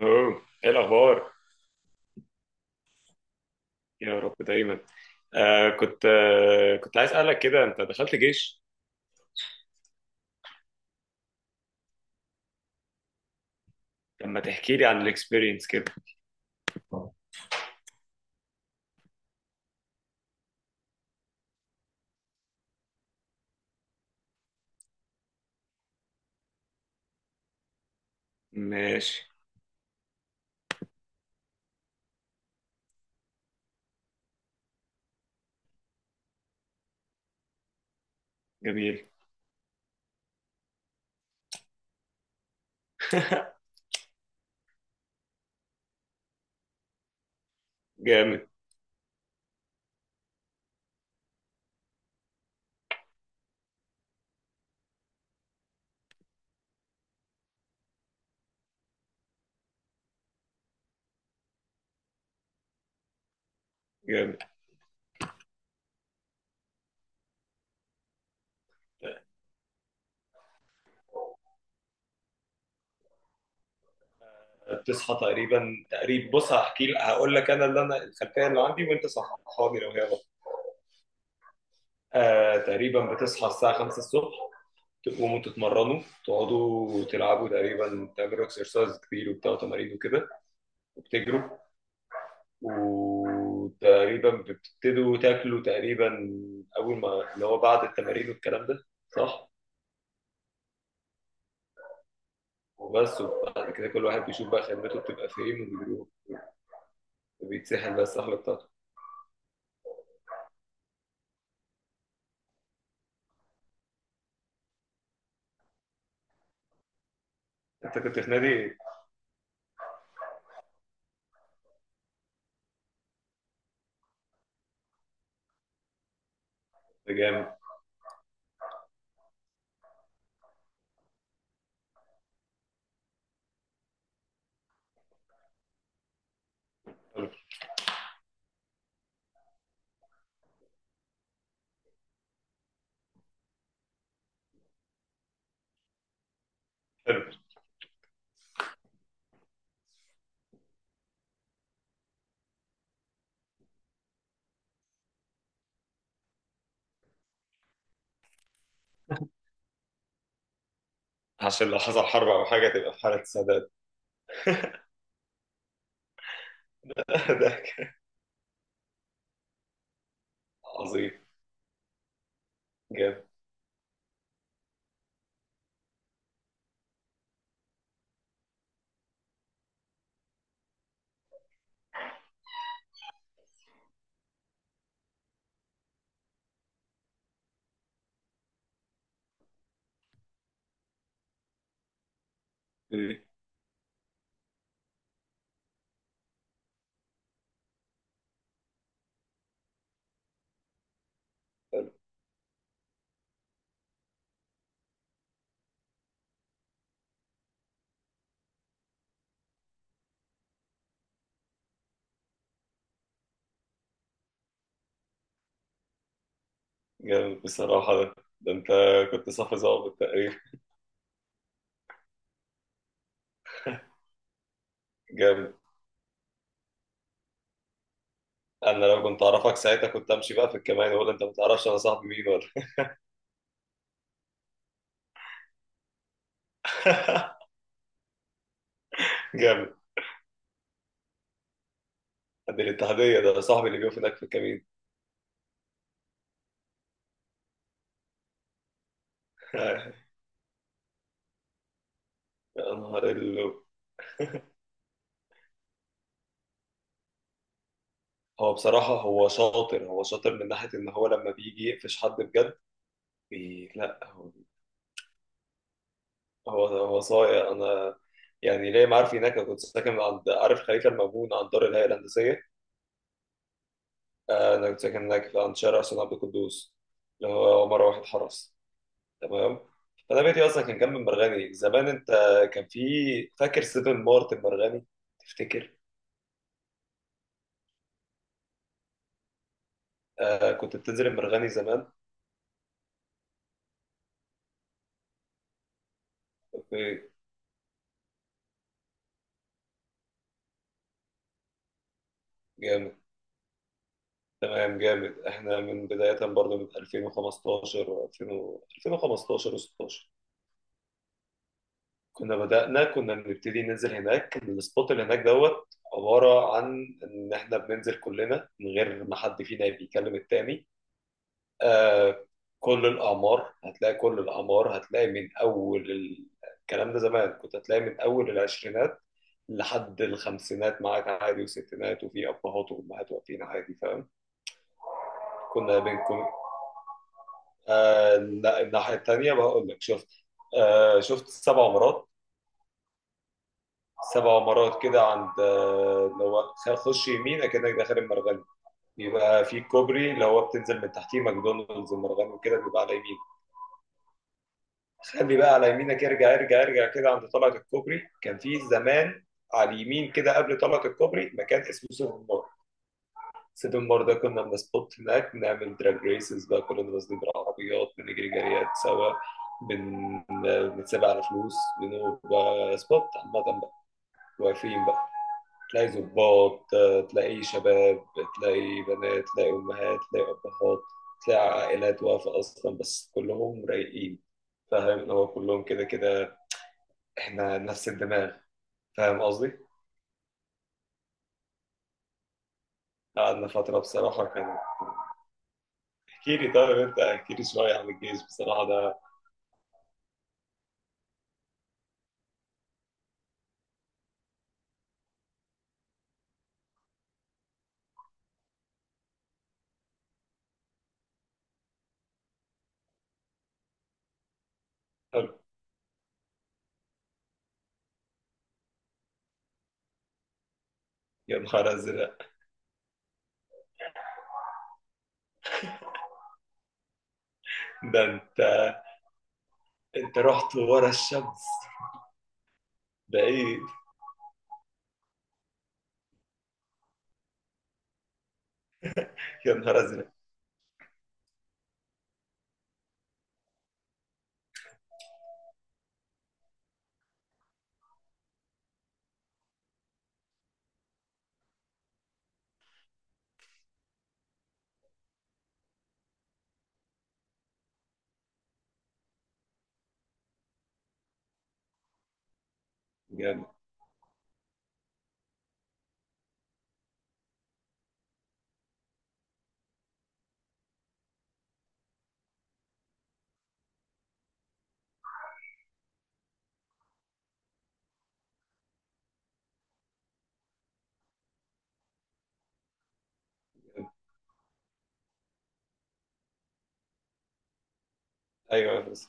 اوه، ايه الاخبار؟ يا رب دايما. كنت عايز اسالك كده، انت دخلت جيش؟ لما تحكي لي عن الاكسبيرينس كده. ماشي. جميل. جامد. جامد، بتصحى تقريبا تقريبا، بص، هحكي لك هقول لك انا الخلفيه اللي عندي، وانت صححها لي لو هي غلط. تقريبا بتصحى الساعه 5 الصبح. تقوموا تتمرنوا، تقعدوا تلعبوا، تقريبا تعملوا اكسرسايز كتير وبتاع تمارين وكده، وبتجروا، وتقريبا بتبتدوا تاكلوا تقريبا اول ما اللي هو بعد التمارين والكلام ده، صح؟ وبس. وبعد كده كل واحد بيشوف بقى خدمته بتبقى فين وبيروح، وبيتسحل بقى السحله بتاعته. انت كنت في نادي إيه؟ ده جامد. حلو. حلو، عشان لو حصل حرب او حاجه تبقى في حاله سداد. ده عظيم. جامد. إيه. جامد بصراحه ده انت كنت صف ظابط تقريبا. جامد. انا لو كنت اعرفك ساعتها كنت امشي بقى في الكمان، ولا انت ما تعرفش انا صاحبي مين ولا؟ جامد. ده الاتحادية، ده صاحبي اللي بيقف هناك في الكمين. يا نهار اللو. هو بصراحة هو شاطر، هو شاطر من ناحية إن هو لما بيجي يقفش حد بجد. لا، هو صايع. أنا يعني ليه، ما عارف. هناك أنا كنت ساكن عند عارف خليفة المأمون، عند دار الهيئة الهندسية. أنا كنت ساكن هناك عند شارع سيدنا عبد القدوس، اللي هو مرة واحد حرس. تمام. فأنا بيتي أصلا كان جنب المرغني زمان، أنت كان في، فاكر سيفن مارت المرغني؟ تفتكر؟ كنت بتنزل المرغني زمان. جامد. تمام. جامد، احنا من بداية برضه من 2015 2000 2015 و16 كنا بنبتدي ننزل هناك. كان السبوت اللي هناك دوت عبارة عن ان احنا بننزل كلنا من غير ما حد فينا بيكلم التاني. آه كل الأعمار، هتلاقي كل الأعمار، هتلاقي من أول الكلام ده زمان، كنت هتلاقي من أول العشرينات لحد الخمسينات معاك عادي، وستينات، وفي أبهات وأمهات واقفين عادي، فاهم؟ كنا بين، لا، الناحية التانية، بقول لك، شفت؟ شفت سبع مرات. سبع مرات كده عند، اللي هو خش يمين اكنك داخل المرغني. بيبقى في كوبري اللي هو بتنزل من تحتيه ماكدونالدز المرغني، وكده بيبقى على يمين. خلي بقى على يمينك، ارجع ارجع ارجع كده، عند طلعة الكوبري كان في زمان على اليمين كده، قبل طلعة الكوبري، مكان اسمه سوبر ماركت سيتم. برضه كنا بنسبوت هناك، بنعمل دراج ريسز بقى، كلنا نازلين بالعربيات، بنجري جريات سوا. بن... بنتسابق على فلوس، بنبقى سبوت عامة بقى، واقفين بقى. تلاقي ظباط، تلاقي شباب، تلاقي بنات، تلاقي أمهات، تلاقي أبهات، تلاقي عائلات واقفة أصلا، بس كلهم رايقين، فاهم؟ اللي هو كلهم كده كده، إحنا نفس الدماغ، فاهم قصدي؟ قعدنا فترة بصراحة. كان، احكي لي طيب أنت احكي لي شوية عن الجيش بصراحة ده. يا نهار ازرق. ده انت رحت ورا الشمس. ده ايه؟ يا نهار ازرق. جامد. جامد. ايوه بس.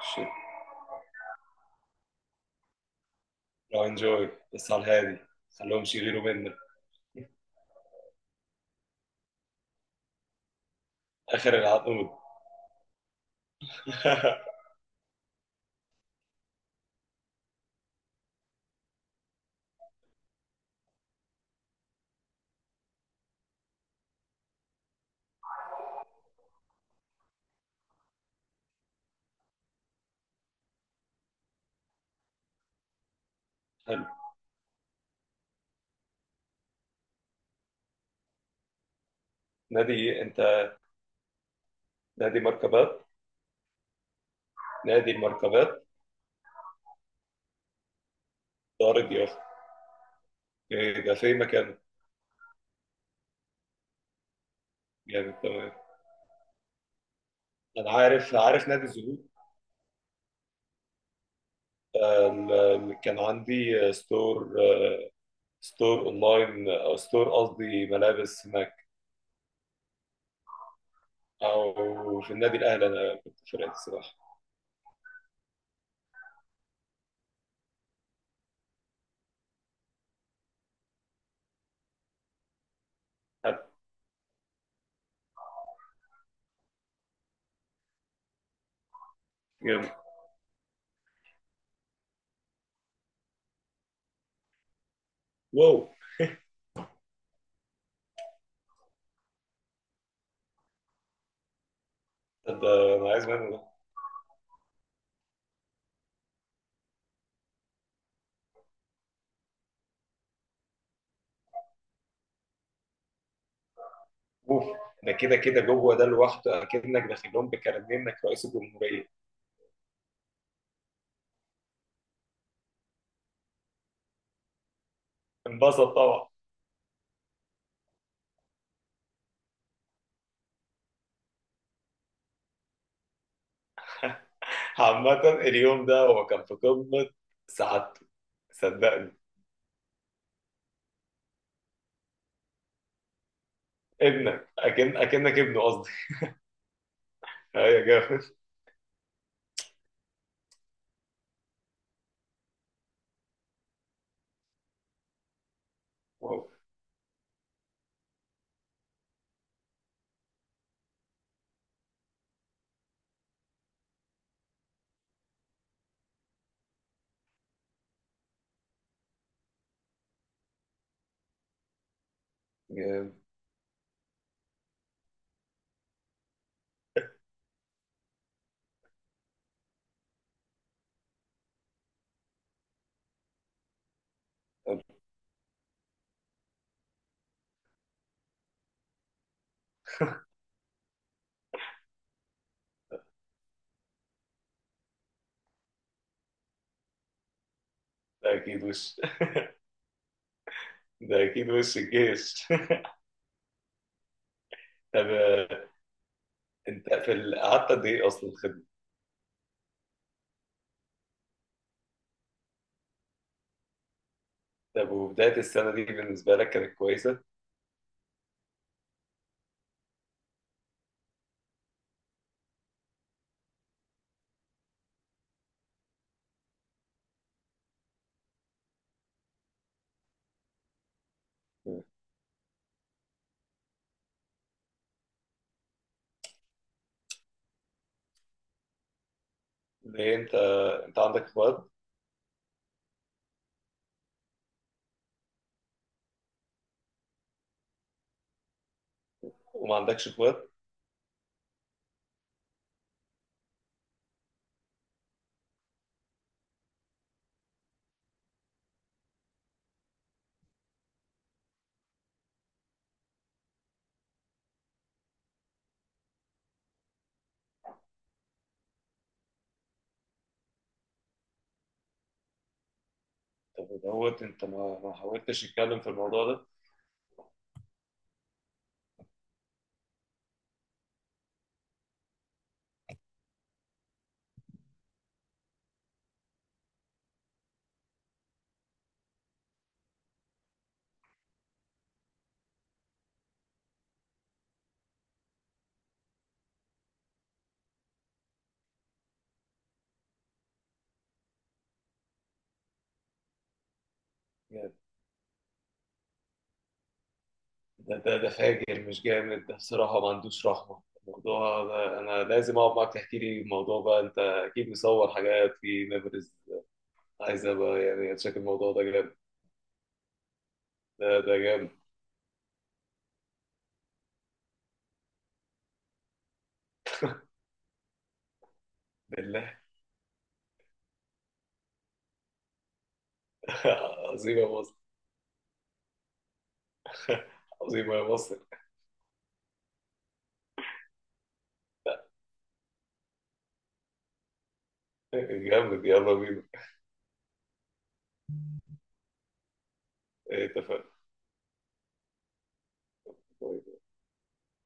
شيت. لو انجوي بس على الهادي، خليهمش يغيروا منك. اخر العقود. حلو. نادي انت؟ نادي مركبات؟ نادي المركبات. دار اليافا. إيه ده، في مكانه؟ جامد. تمام. انا عارف، عارف نادي الزهور. كان عندي ستور ستور اونلاين، او ستور قصدي ملابس هناك، او في النادي الاهلي انا كنت في فرقه السباحه. حد. جامد. واو. طب ده، انا عايز منه ده. اوف. ده كده كده جوه ده لوحده اكنك داخل لهم بكارنيه انك رئيس الجمهوريه. انبسط طبعا. عامة اليوم ده هو كان في قمة سعادته، صدقني. ابنك، أكنك ابنه قصدي. أيوة يا جامد. واو. جامد. طب ده أكيد وش، ده أكيد وش الجيش. طب، أنت قعدت قد إيه أصلا خدمة؟ طب وبداية السنة دي بالنسبة لك كانت كويسة؟ ليه انت عندك اخوات؟ وما عندكش اخوات. طب دوت، انت ما حاولتش تتكلم في الموضوع ده؟ يعني ده فاجر، مش جامد ده بصراحة، ما عندوش رحمة الموضوع ده. انا لازم اقعد معاك تحكي لي الموضوع بقى، انت اكيد مصور حاجات في ميموريز، عايز ابقى يعني اتشك الموضوع ده جامد. ده جامد. بالله. عظيم يا مصر. عظيم يا مصر. جامد. يلا بينا. اتفقنا. طيب.